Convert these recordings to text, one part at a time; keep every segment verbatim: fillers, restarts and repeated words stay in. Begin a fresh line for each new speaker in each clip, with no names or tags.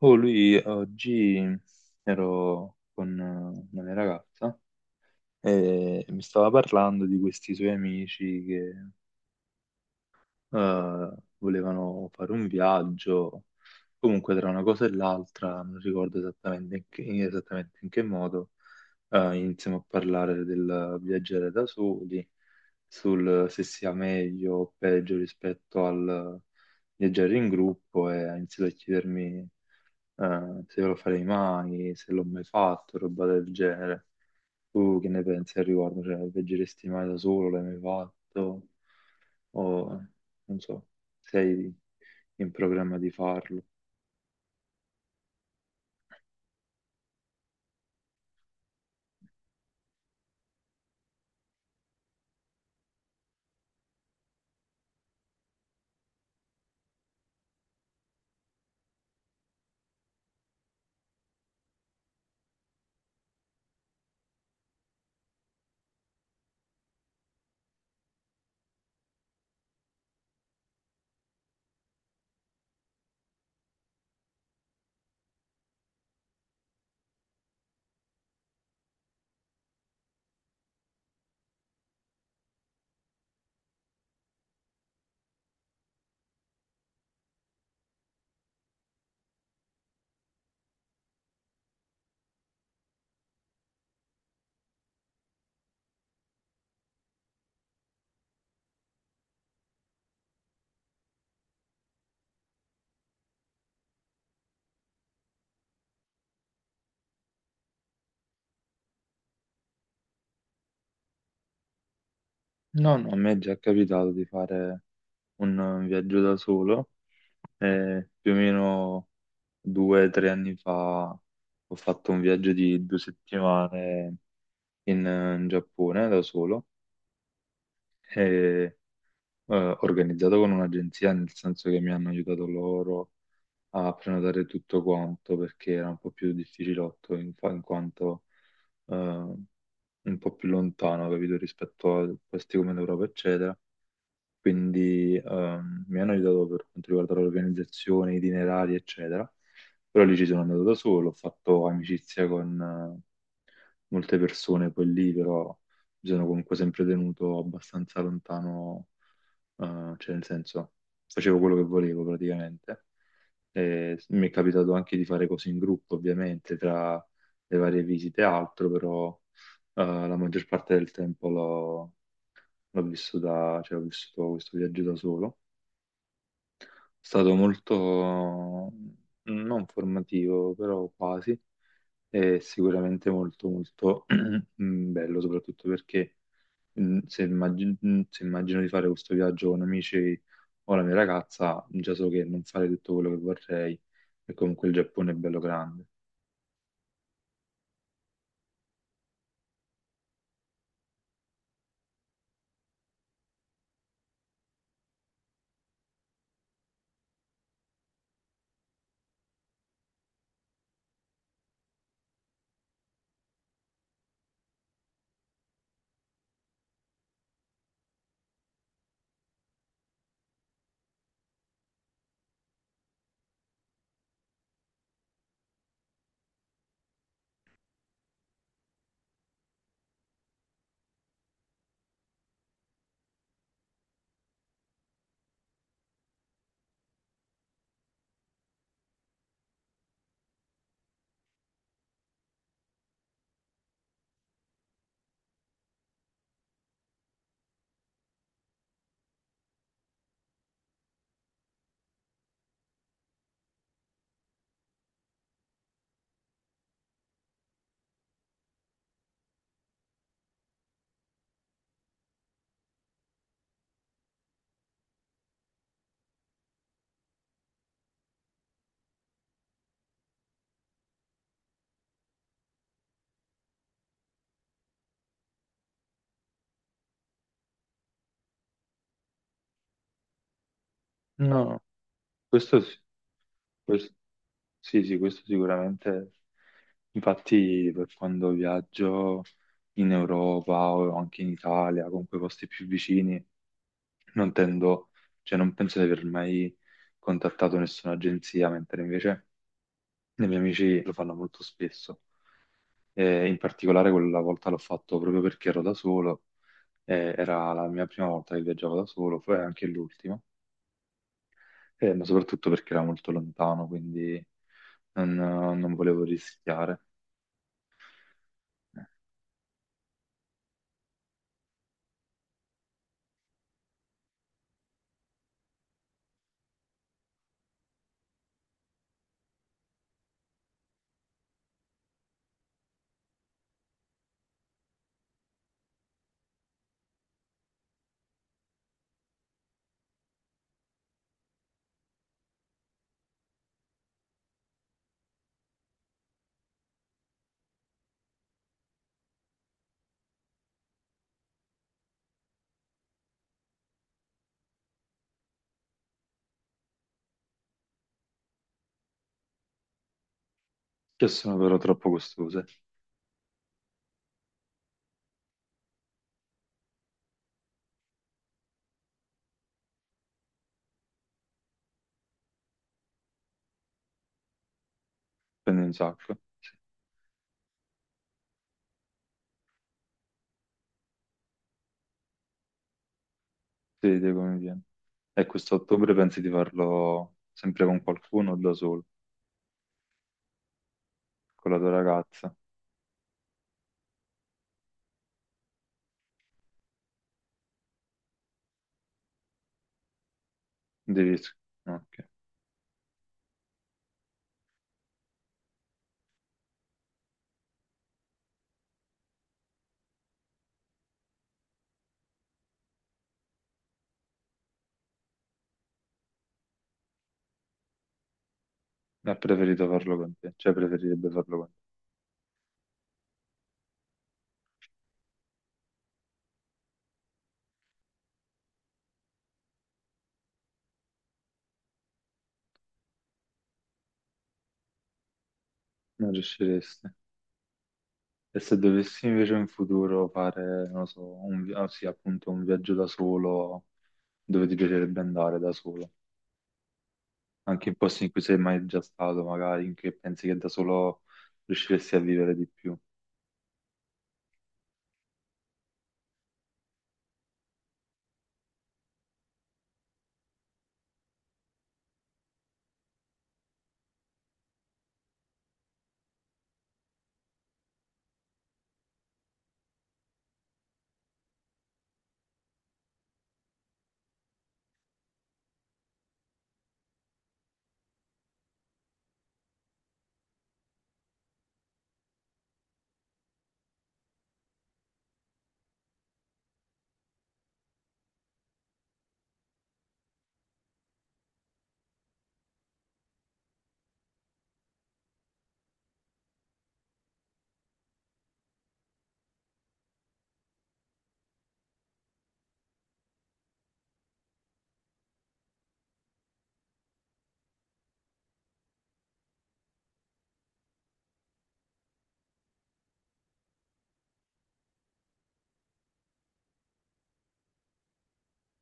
Oh, lui oggi ero con eh, una mia ragazza e mi stava parlando di questi suoi amici che eh, volevano fare un viaggio. Comunque, tra una cosa e l'altra, non ricordo esattamente in che, in- esattamente in che modo, eh, iniziamo a parlare del viaggiare da soli, sul se sia meglio o peggio rispetto al viaggiare in gruppo, e ha iniziato a chiedermi eh, se lo farei mai, se l'ho mai fatto, roba del genere. Tu che ne pensi al riguardo? Cioè, viaggeresti mai da solo? L'hai mai fatto? O non so, sei in programma di farlo? No, no, a me è già capitato di fare un un viaggio da solo. Eh, più o meno due o tre anni fa ho fatto un viaggio di due settimane in, in Giappone da solo, eh, organizzato con un'agenzia, nel senso che mi hanno aiutato loro a prenotare tutto quanto, perché era un po' più difficilotto in, fa- in quanto eh, un po' più lontano, capito, rispetto a posti come l'Europa, eccetera. Quindi ehm, mi hanno aiutato per quanto riguarda l'organizzazione, itinerari, eccetera. Però lì ci sono andato da solo, ho fatto amicizia con eh, molte persone, poi lì però mi sono comunque sempre tenuto abbastanza lontano, eh, cioè nel senso facevo quello che volevo praticamente. E mi è capitato anche di fare cose in gruppo, ovviamente, tra le varie visite e altro, però eh, la maggior parte del tempo l'ho l'ho vissuta, cioè ho vissuto questo viaggio da solo. È stato molto non formativo, però quasi, e sicuramente molto molto bello, soprattutto perché mm, se, immagin- mm, se immagino di fare questo viaggio con amici o la mia ragazza, già so che non fare tutto quello che vorrei, e comunque il Giappone è bello grande. No, questo sì, questo- sì, sì, questo sicuramente. Infatti, per quando viaggio in Europa o anche in Italia, comunque posti più vicini, non tendo, cioè non penso di aver mai contattato nessuna agenzia, mentre invece i miei amici lo fanno molto spesso. Eh, in particolare quella volta l'ho fatto proprio perché ero da solo. Eh, era la mia prima volta che viaggiavo da solo, poi anche l'ultima. Eh, ma soprattutto perché era molto lontano, quindi non, non volevo rischiare. Che sono però troppo costose, spendo un sacco, si vede come viene. E quest'ottobre pensi di farlo sempre con qualcuno o da solo, con la tua ragazza? Devi... Ok, ha preferito farlo con te, cioè preferirebbe farlo con te. Non riusciresti. E se dovessi invece in futuro fare, non lo so, un, vi- ah, sì, appunto, un viaggio da solo, dove ti piacerebbe andare da solo? Anche in posti in cui sei mai già stato, magari, in cui pensi che da solo riusciresti a vivere di più,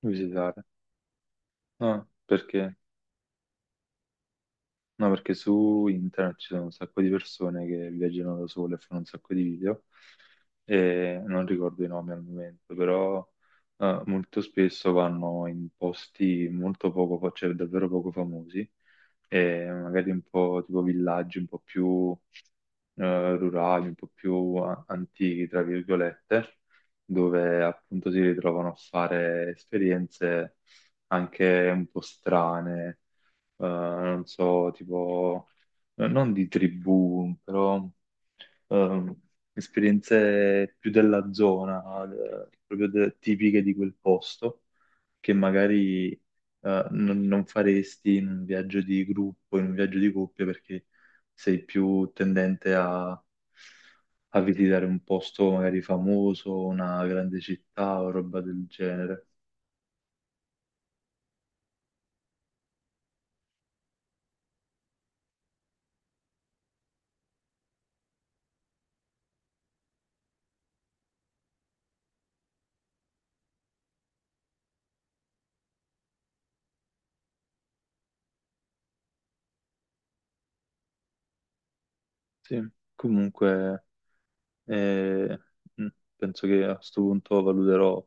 visitare. Ah, perché? No, perché su internet ci sono un sacco di persone che viaggiano da sole e fanno un sacco di video, e non ricordo i nomi al momento, però eh, molto spesso vanno in posti molto poco, fa- cioè davvero poco famosi, e magari un po' tipo villaggi un po' più eh, rurali, un po' più a- antichi, tra virgolette, dove appunto si ritrovano a fare esperienze anche un po' strane, eh, non so, tipo, eh, non di tribù, però ehm, esperienze più della zona, eh, proprio de- tipiche di quel posto, che magari eh, non, non faresti in un viaggio di gruppo, in un viaggio di coppia, perché sei più tendente a, a visitare un posto magari famoso, una grande città o roba del genere. Sì, comunque. E mm, penso che a questo punto valuterò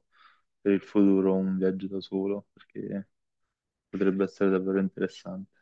per il futuro un viaggio da solo, perché potrebbe essere davvero interessante.